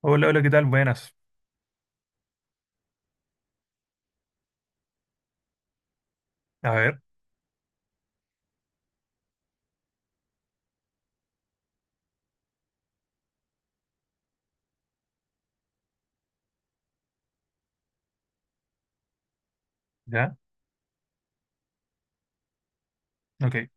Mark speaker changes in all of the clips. Speaker 1: Hola, hola, ¿qué tal? Buenas. A ver, ya, ok.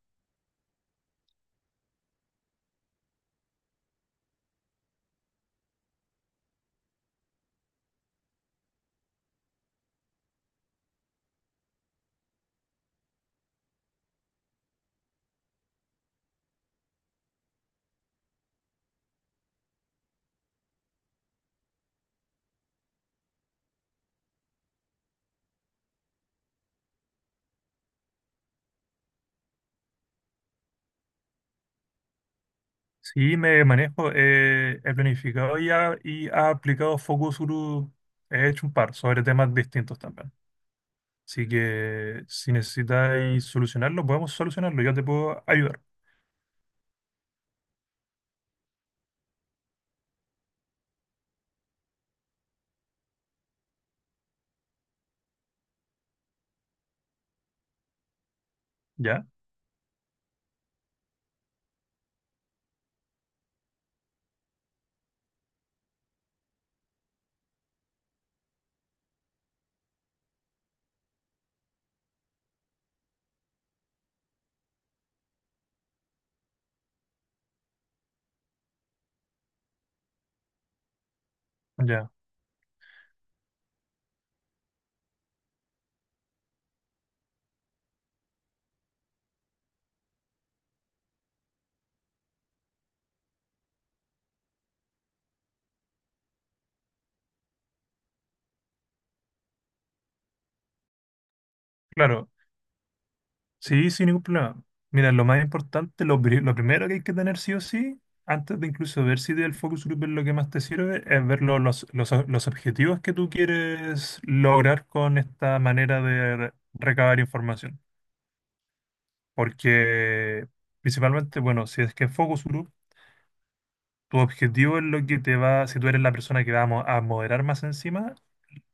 Speaker 1: Sí, me manejo. He planificado y ha aplicado Focus Group. He hecho un par sobre temas distintos también. Así que si necesitáis solucionarlo, podemos solucionarlo. Yo te puedo ayudar. ¿Ya? Ya. Claro, sí, sin ningún problema. Mira, lo más importante, lo primero que hay que tener sí o sí, antes de incluso ver si el focus group es lo que más te sirve, es ver los objetivos que tú quieres lograr con esta manera de recabar información. Porque principalmente, bueno, si es que es focus group, tu objetivo es lo que te va, si tú eres la persona que va a moderar más encima,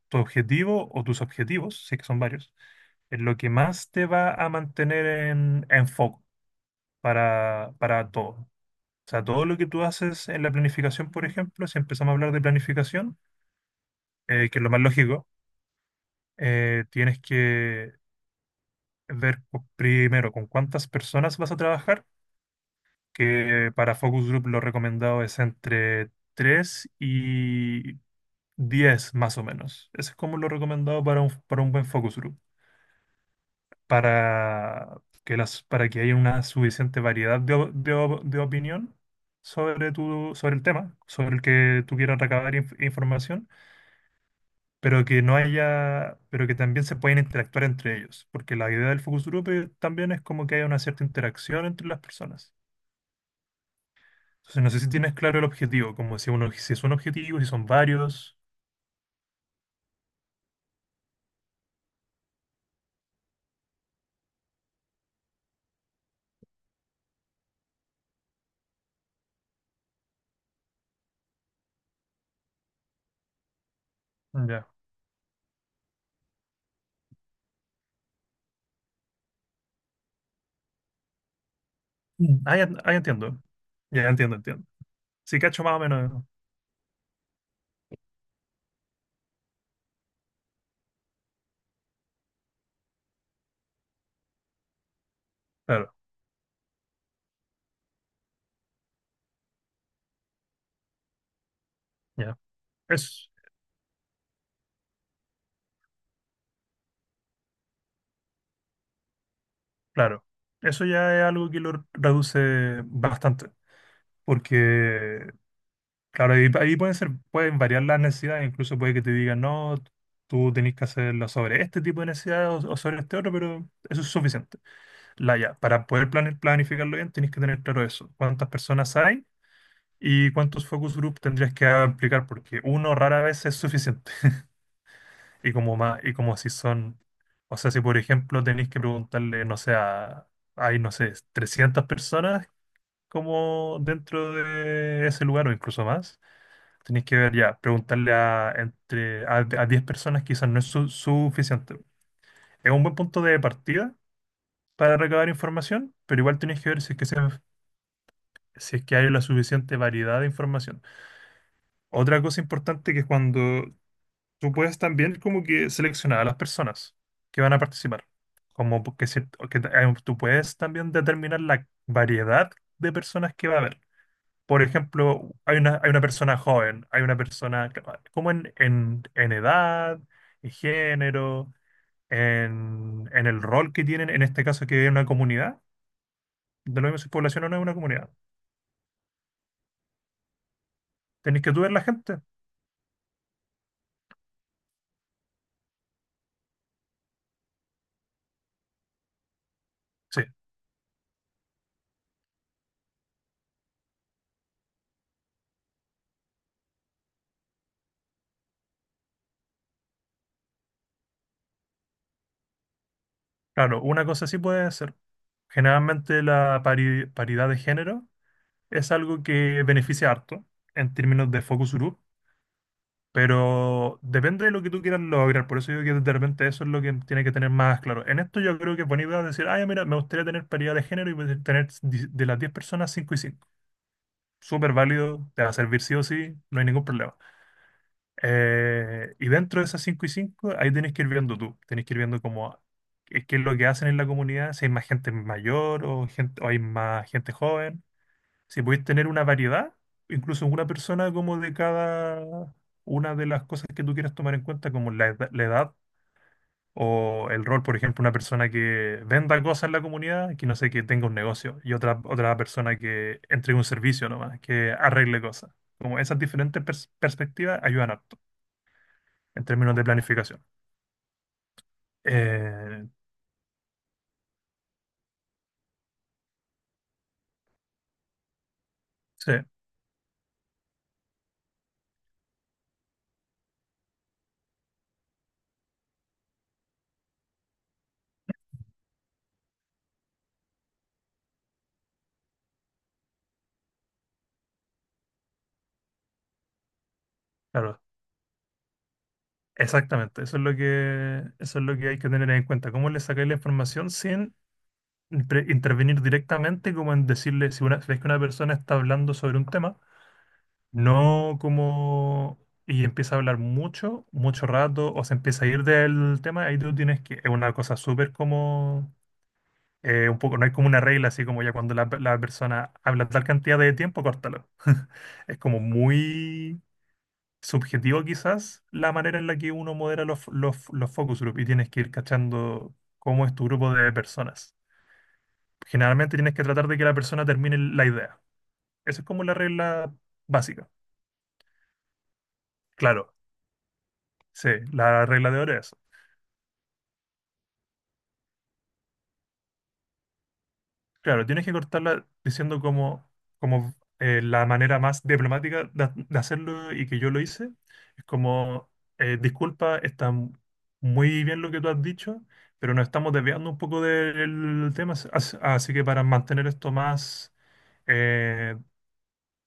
Speaker 1: tu objetivo o tus objetivos, sí que son varios, es lo que más te va a mantener en foco. Para todo. O sea, todo lo que tú haces en la planificación, por ejemplo, si empezamos a hablar de planificación, que es lo más lógico, tienes que ver primero con cuántas personas vas a trabajar, que para Focus Group lo recomendado es entre 3 y 10 más o menos. Ese es como lo recomendado para un buen Focus Group. para para que haya una suficiente variedad de opinión sobre el tema, sobre el que tú quieras recabar información, pero que no haya, pero que también se pueden interactuar entre ellos, porque la idea del focus group también es como que haya una cierta interacción entre las personas. Entonces, no sé si tienes claro el objetivo, como si uno, si es un objetivo, si son varios. Ya. Mm. Ah, ya, ah, ya entiendo. Ya, ya entiendo, entiendo. Sí, cacho más o menos. Claro, ya. Eso. Claro, eso ya es algo que lo reduce bastante, porque, claro, ahí pueden pueden variar las necesidades, incluso puede que te digan, no, tú tenés que hacerlo sobre este tipo de necesidades o sobre este otro, pero eso es suficiente. Ya, para poder planificarlo bien, tenés que tener claro eso, cuántas personas hay y cuántos focus group tendrías que aplicar, porque uno rara vez es suficiente, y como más, y como si son, o sea, si por ejemplo tenés que preguntarle, no sé, a no sé, 300 personas como dentro de ese lugar o incluso más. Tenéis que ver ya, preguntarle a 10 personas quizás no es suficiente. Es un buen punto de partida para recabar información, pero igual tenéis que ver si es que hay la suficiente variedad de información. Otra cosa importante que es cuando tú puedes también como que seleccionar a las personas que van a participar. Como que, se- que tú puedes también determinar la variedad de personas que va a haber. Por ejemplo, hay una persona joven, hay una persona como en, en edad, en género, en el rol que tienen, en este caso que es una comunidad, de lo mismo si es población o no es una comunidad. Tenéis que tú ver la gente. Sí, claro, una cosa sí puede ser. Generalmente la paridad de género es algo que beneficia harto en términos de focus group. Pero depende de lo que tú quieras lograr, por eso digo que de repente eso es lo que tiene que tener más claro. En esto yo creo que es buena idea decir, ah, ya, mira, me gustaría tener paridad de género y poder tener de las 10 personas 5 y cinco. Súper válido, te va a servir sí o sí, no hay ningún problema. Y dentro de esas 5 y 5 ahí tienes que ir viendo tú, tienes que ir viendo cómo, qué es lo que hacen en la comunidad, si hay más gente mayor o hay más gente joven. Si podéis tener una variedad, incluso una persona como de cada una de las cosas que tú quieras tomar en cuenta, como la edad o el rol, por ejemplo, una persona que venda cosas en la comunidad, que no sé, que tenga un negocio, y otra persona que entregue un servicio nomás, que arregle cosas. Como esas diferentes perspectivas ayudan harto en términos de planificación. Eh, sí, claro. Exactamente, eso es lo que hay que tener en cuenta. ¿Cómo le sacáis la información sin intervenir directamente como en decirle, si ves que una persona está hablando sobre un tema, no como y empieza a hablar mucho, mucho rato, o se empieza a ir del tema, ahí tú tienes que, es una cosa súper como, un poco, no hay como una regla, así como ya cuando la persona habla tal cantidad de tiempo, córtalo. Es como muy subjetivo quizás la manera en la que uno modera los focus group y tienes que ir cachando cómo es tu grupo de personas. Generalmente tienes que tratar de que la persona termine la idea. Esa es como la regla básica. Claro, sí, la regla de oro es. Claro, tienes que cortarla diciendo como la manera más diplomática de hacerlo y que yo lo hice. Es como, disculpa, está muy bien lo que tú has dicho, pero nos estamos desviando un poco del tema, así que para mantener esto más eh,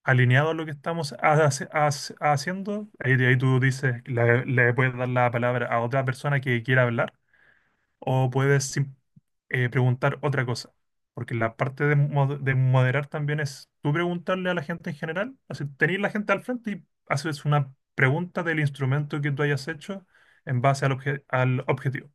Speaker 1: alineado a lo que estamos haciendo, ahí tú dices, le puedes dar la palabra a otra persona que quiera hablar o puedes preguntar otra cosa. Porque la parte de moderar también es tú preguntarle a la gente en general, así tener la gente al frente y haces una pregunta del instrumento que tú hayas hecho en base al objetivo.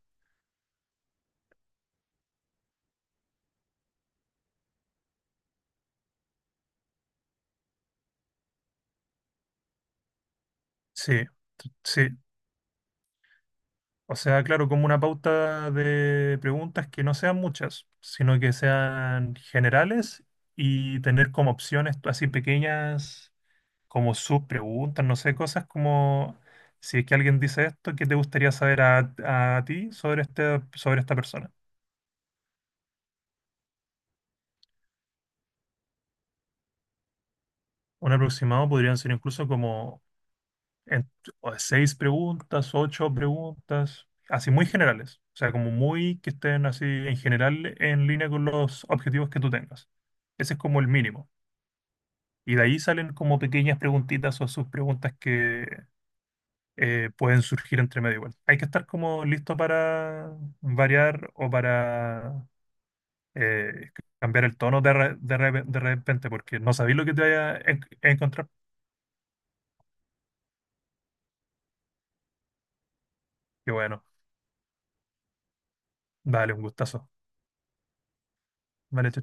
Speaker 1: Sí, sí. O sea, claro, como una pauta de preguntas que no sean muchas, sino que sean generales y tener como opciones así pequeñas, como subpreguntas, no sé, cosas como si es que alguien dice esto, ¿qué te gustaría saber a ti sobre este, sobre esta persona? Un aproximado podrían ser incluso como en- o seis preguntas, ocho preguntas, así muy generales. O sea, como muy que estén así en general en línea con los objetivos que tú tengas. Ese es como el mínimo. Y de ahí salen como pequeñas preguntitas o subpreguntas que pueden surgir entre medio igual. Hay que estar como listo para variar o para eh, cambiar el tono de repente porque no sabéis lo que te vaya a encontrar. Y bueno, dale un gustazo. Vale,